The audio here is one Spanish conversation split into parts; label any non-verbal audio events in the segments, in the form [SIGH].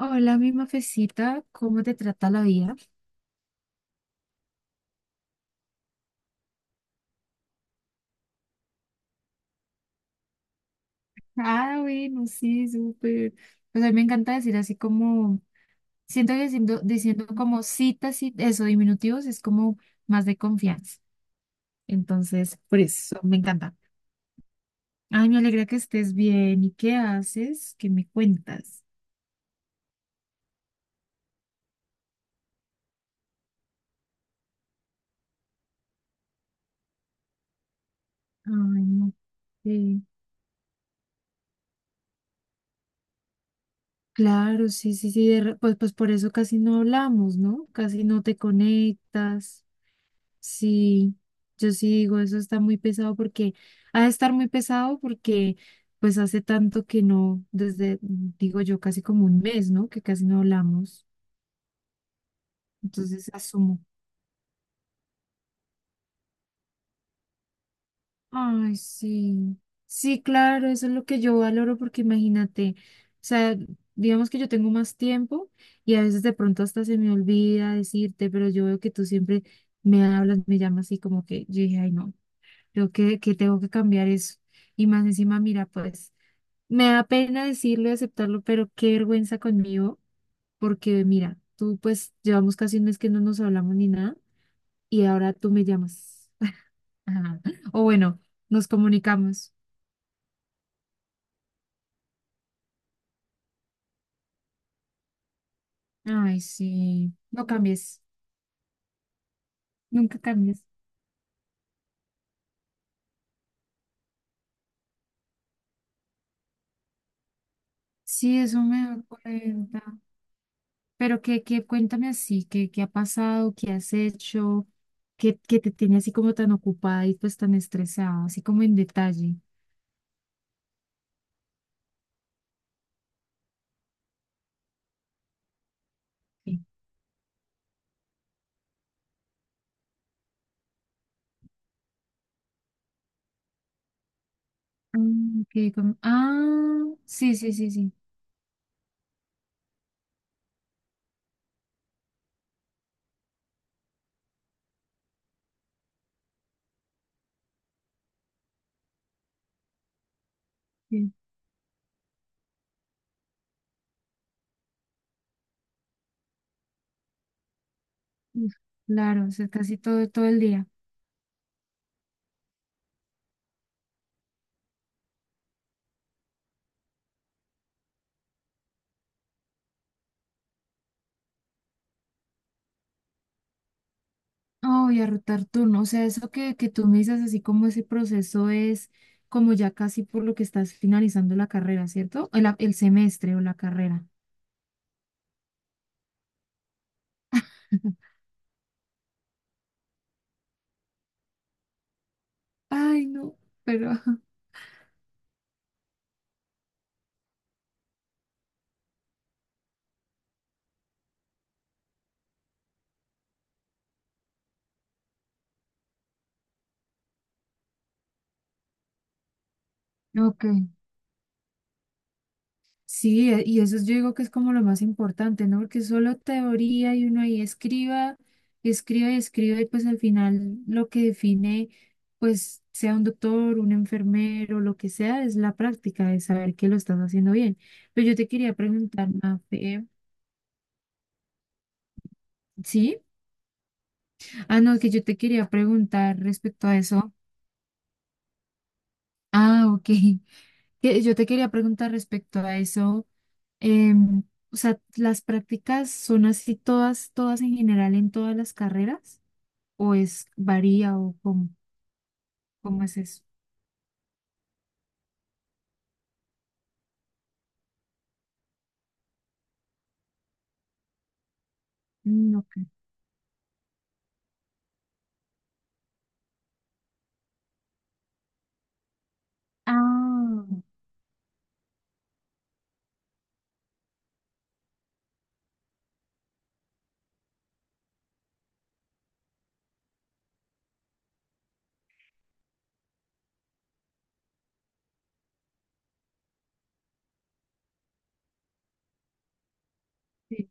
Hola, mi mafecita, ¿cómo te trata la vida? Ah, bueno, sí, súper. Pues a mí me encanta decir así como, siento que diciendo como citas y eso, diminutivos, es como más de confianza. Entonces, por eso, me encanta. Ay, me alegra que estés bien. ¿Y qué haces? ¿Qué me cuentas? Ay, no. Sí. Claro, sí, sí, sí. Pues por eso casi no hablamos, ¿no? Casi no te conectas. Sí, yo sí digo, eso está muy pesado porque ha de estar muy pesado porque pues hace tanto que no, desde, digo yo, casi como un mes, ¿no? Que casi no hablamos. Entonces asumo. Ay, sí. Sí, claro, eso es lo que yo valoro porque imagínate, o sea, digamos que yo tengo más tiempo y a veces de pronto hasta se me olvida decirte, pero yo veo que tú siempre me hablas, me llamas y como que yo dije, ay, no, creo que tengo que cambiar eso. Y más encima, mira, pues me da pena decirlo y aceptarlo, pero qué vergüenza conmigo, porque mira, tú pues llevamos casi un mes que no nos hablamos ni nada y ahora tú me llamas. [LAUGHS] Ajá. O bueno, nos comunicamos. Ay, sí, no cambies, nunca cambies. Sí, eso me da cuenta. Pero que cuéntame así, qué ha pasado, qué has hecho, que te tenía así como tan ocupada y pues tan estresada, así como en detalle. Sí. Ah, ok, sí, sí, sí, sí. Uf, claro, o sea, casi todo, todo el día. Oh, y a rotar turno. O sea, eso que tú me dices, así como ese proceso es como ya casi por lo que estás finalizando la carrera, ¿cierto? El semestre o la carrera. [LAUGHS] Ay, no, pero... [LAUGHS] Ok. Sí, y eso yo digo que es como lo más importante, ¿no? Porque solo teoría y uno ahí escriba, escriba y escriba y pues al final lo que define, pues sea un doctor, un enfermero, lo que sea, es la práctica de saber que lo estás haciendo bien. Pero yo te quería preguntar, Mafe, ¿sí? Ah, no, que yo te quería preguntar respecto a eso. Ah, ok. [LAUGHS] Que yo te quería preguntar respecto a eso. Em, o sea, ¿las prácticas son así todas, todas en general en todas las carreras? ¿O es varía o cómo es eso? Mm, ok. Ah, sí.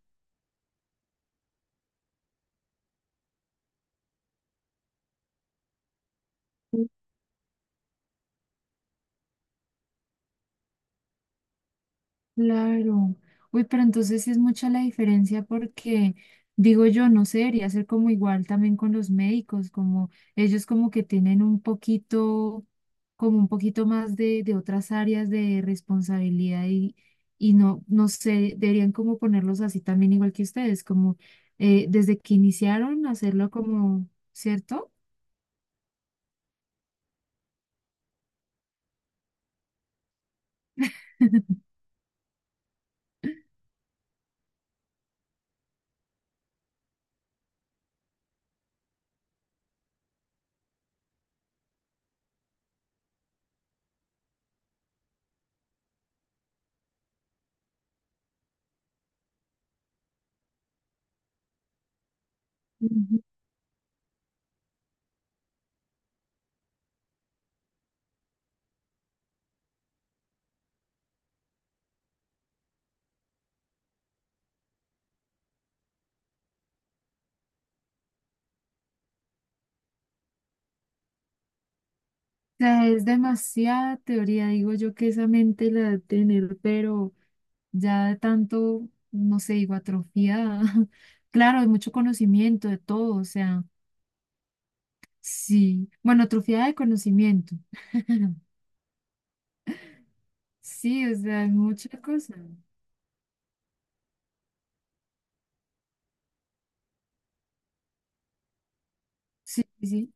Claro. Uy, pero entonces sí es mucha la diferencia porque, digo yo, no sé, debería ser como igual también con los médicos, como ellos como que tienen un poquito, como un poquito más de, otras áreas de responsabilidad y no, no sé, deberían como ponerlos así también igual que ustedes, como desde que iniciaron hacerlo como, ¿cierto? Ujú. O sea, es demasiada teoría, digo yo que esa mente la debe tener, pero... ya de tanto, no sé, digo, atrofiada. [LAUGHS] Claro, de mucho conocimiento, de todo, o sea, sí. Bueno, atrofiada de conocimiento. [LAUGHS] Sí, o sea, es mucha cosa. Sí, sí.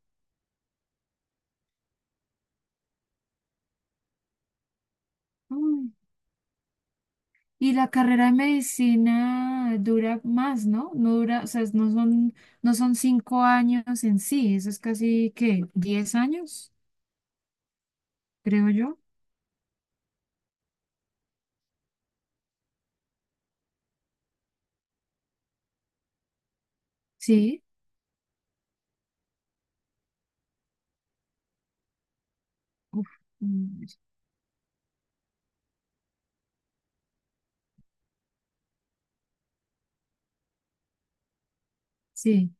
Uy. Y la carrera de medicina dura más, ¿no? No dura, o sea, no son, 5 años en sí, eso es casi, ¿qué? ¿10 años? Creo yo. Sí. Uf, mm, sí.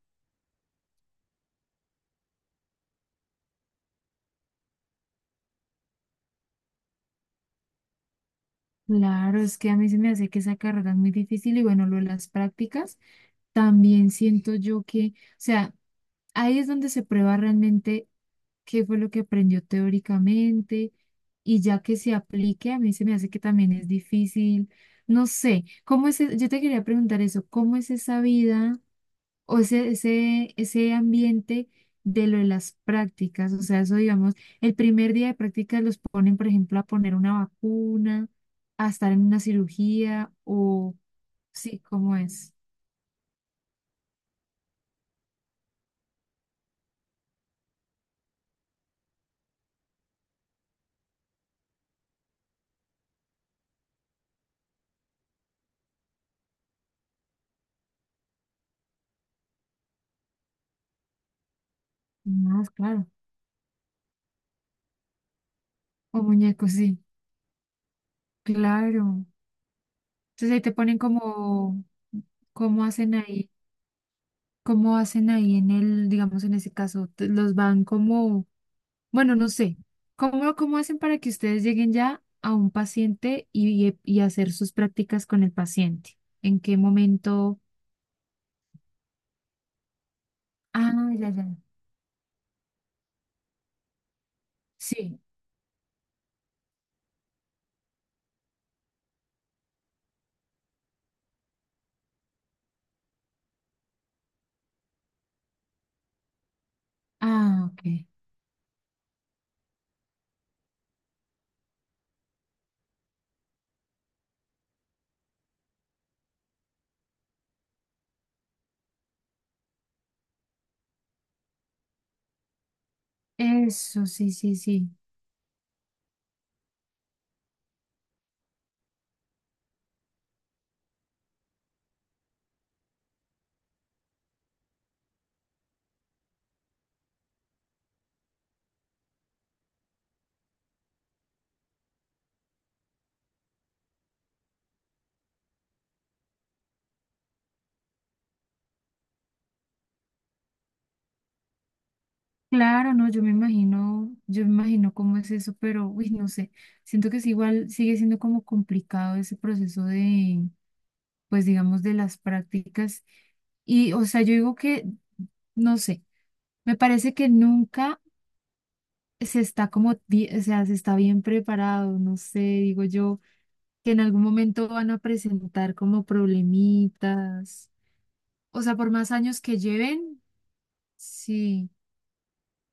Claro, es que a mí se me hace que esa carrera es muy difícil y bueno, lo de las prácticas, también siento yo que, o sea, ahí es donde se prueba realmente qué fue lo que aprendió teóricamente y ya que se aplique, a mí se me hace que también es difícil, no sé, ¿cómo es? Yo te quería preguntar eso, ¿cómo es esa vida? ¿O ese ambiente de lo de las prácticas? O sea, eso digamos, el primer día de prácticas los ponen, por ejemplo, a poner una vacuna, a estar en una cirugía, o sí, ¿cómo es? No, claro, o muñecos, sí, claro. Entonces ahí te ponen como, cómo hacen ahí, cómo hacen ahí en el, digamos, en ese caso, los van como... Bueno, no sé. ¿Cómo hacen para que ustedes lleguen ya a un paciente y hacer sus prácticas con el paciente? ¿En qué momento? Ah, ya, ya. Sí. Ah, ok. Eso, sí, sí, sí. Claro, no, yo me imagino cómo es eso, pero, uy, no sé. Siento que es igual, sigue siendo como complicado ese proceso de, pues, digamos, de las prácticas. Y, o sea, yo digo que, no sé, me parece que nunca se está como, o sea, se está bien preparado, no sé, digo yo, que en algún momento van a presentar como problemitas. O sea, por más años que lleven, sí,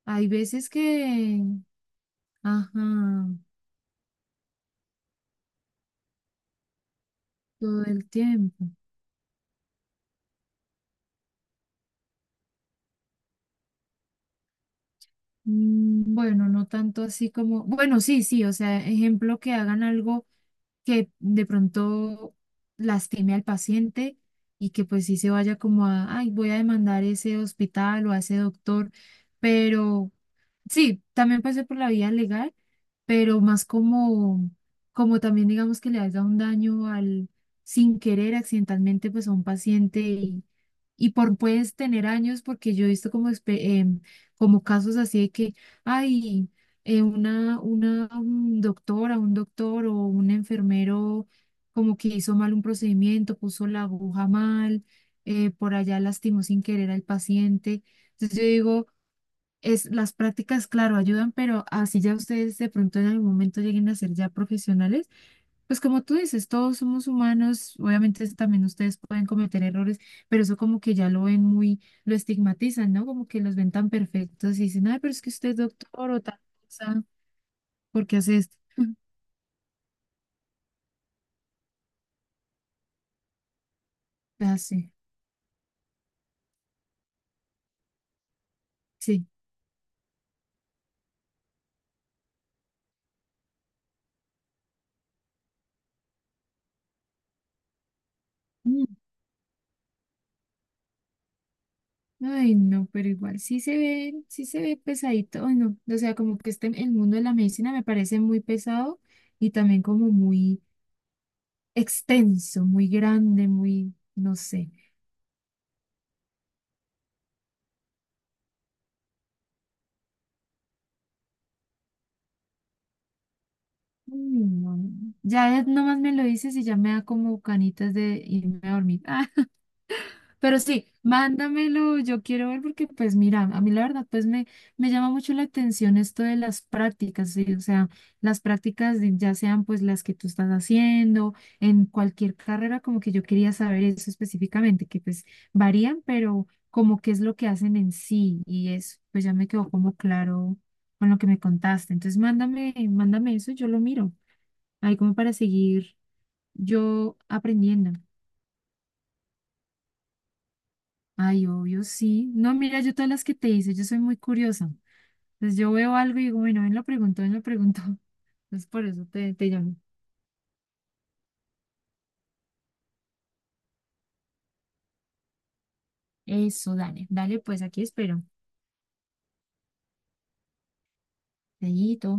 hay veces que, ajá, todo el tiempo. Bueno, no tanto así como, bueno, sí, sí, o sea, ejemplo que hagan algo que de pronto lastime al paciente y que pues sí se vaya como a, ay, voy a demandar ese hospital o a ese doctor, pero... Sí, también pasé por la vía legal, pero más como, también digamos que le haga un daño al, sin querer, accidentalmente, pues a un paciente y por puedes tener años, porque yo he visto como, como casos así de que, ay, una un doctora, un doctor o un enfermero como que hizo mal un procedimiento, puso la aguja mal, por allá lastimó sin querer al paciente. Entonces yo digo es, las prácticas, claro, ayudan, pero así ya ustedes de pronto en algún momento lleguen a ser ya profesionales, pues como tú dices, todos somos humanos, obviamente también ustedes pueden cometer errores, pero eso como que ya lo ven muy, lo estigmatizan, ¿no? Como que los ven tan perfectos y dicen, ay, pero es que usted es doctor o tal cosa, ¿por qué hace esto? Hace, sí. Sí. Mm, ay, no, pero igual sí se ve pesadito, ay, no, o sea, como que este, el mundo de la medicina me parece muy pesado y también como muy extenso, muy grande, muy, no sé. Mm, no. Ya nomás me lo dices y ya me da como canitas de irme a dormir. [LAUGHS] Pero sí, mándamelo, yo quiero ver porque pues mira, a mí la verdad pues me, llama mucho la atención esto de las prácticas, ¿sí? O sea, las prácticas ya sean pues las que tú estás haciendo, en cualquier carrera, como que yo quería saber eso específicamente, que pues varían, pero como qué es lo que hacen en sí y eso, pues ya me quedó como claro con lo que me contaste. Entonces mándame, mándame eso, yo lo miro, ahí como para seguir yo aprendiendo. Ay, obvio, sí. No, mira, yo todas las que te hice, yo soy muy curiosa. Entonces yo veo algo y digo, bueno, ven, lo pregunto, ven, lo pregunto. [LAUGHS] Entonces por eso te llamo. Eso, dale, dale, pues aquí espero. Dedito.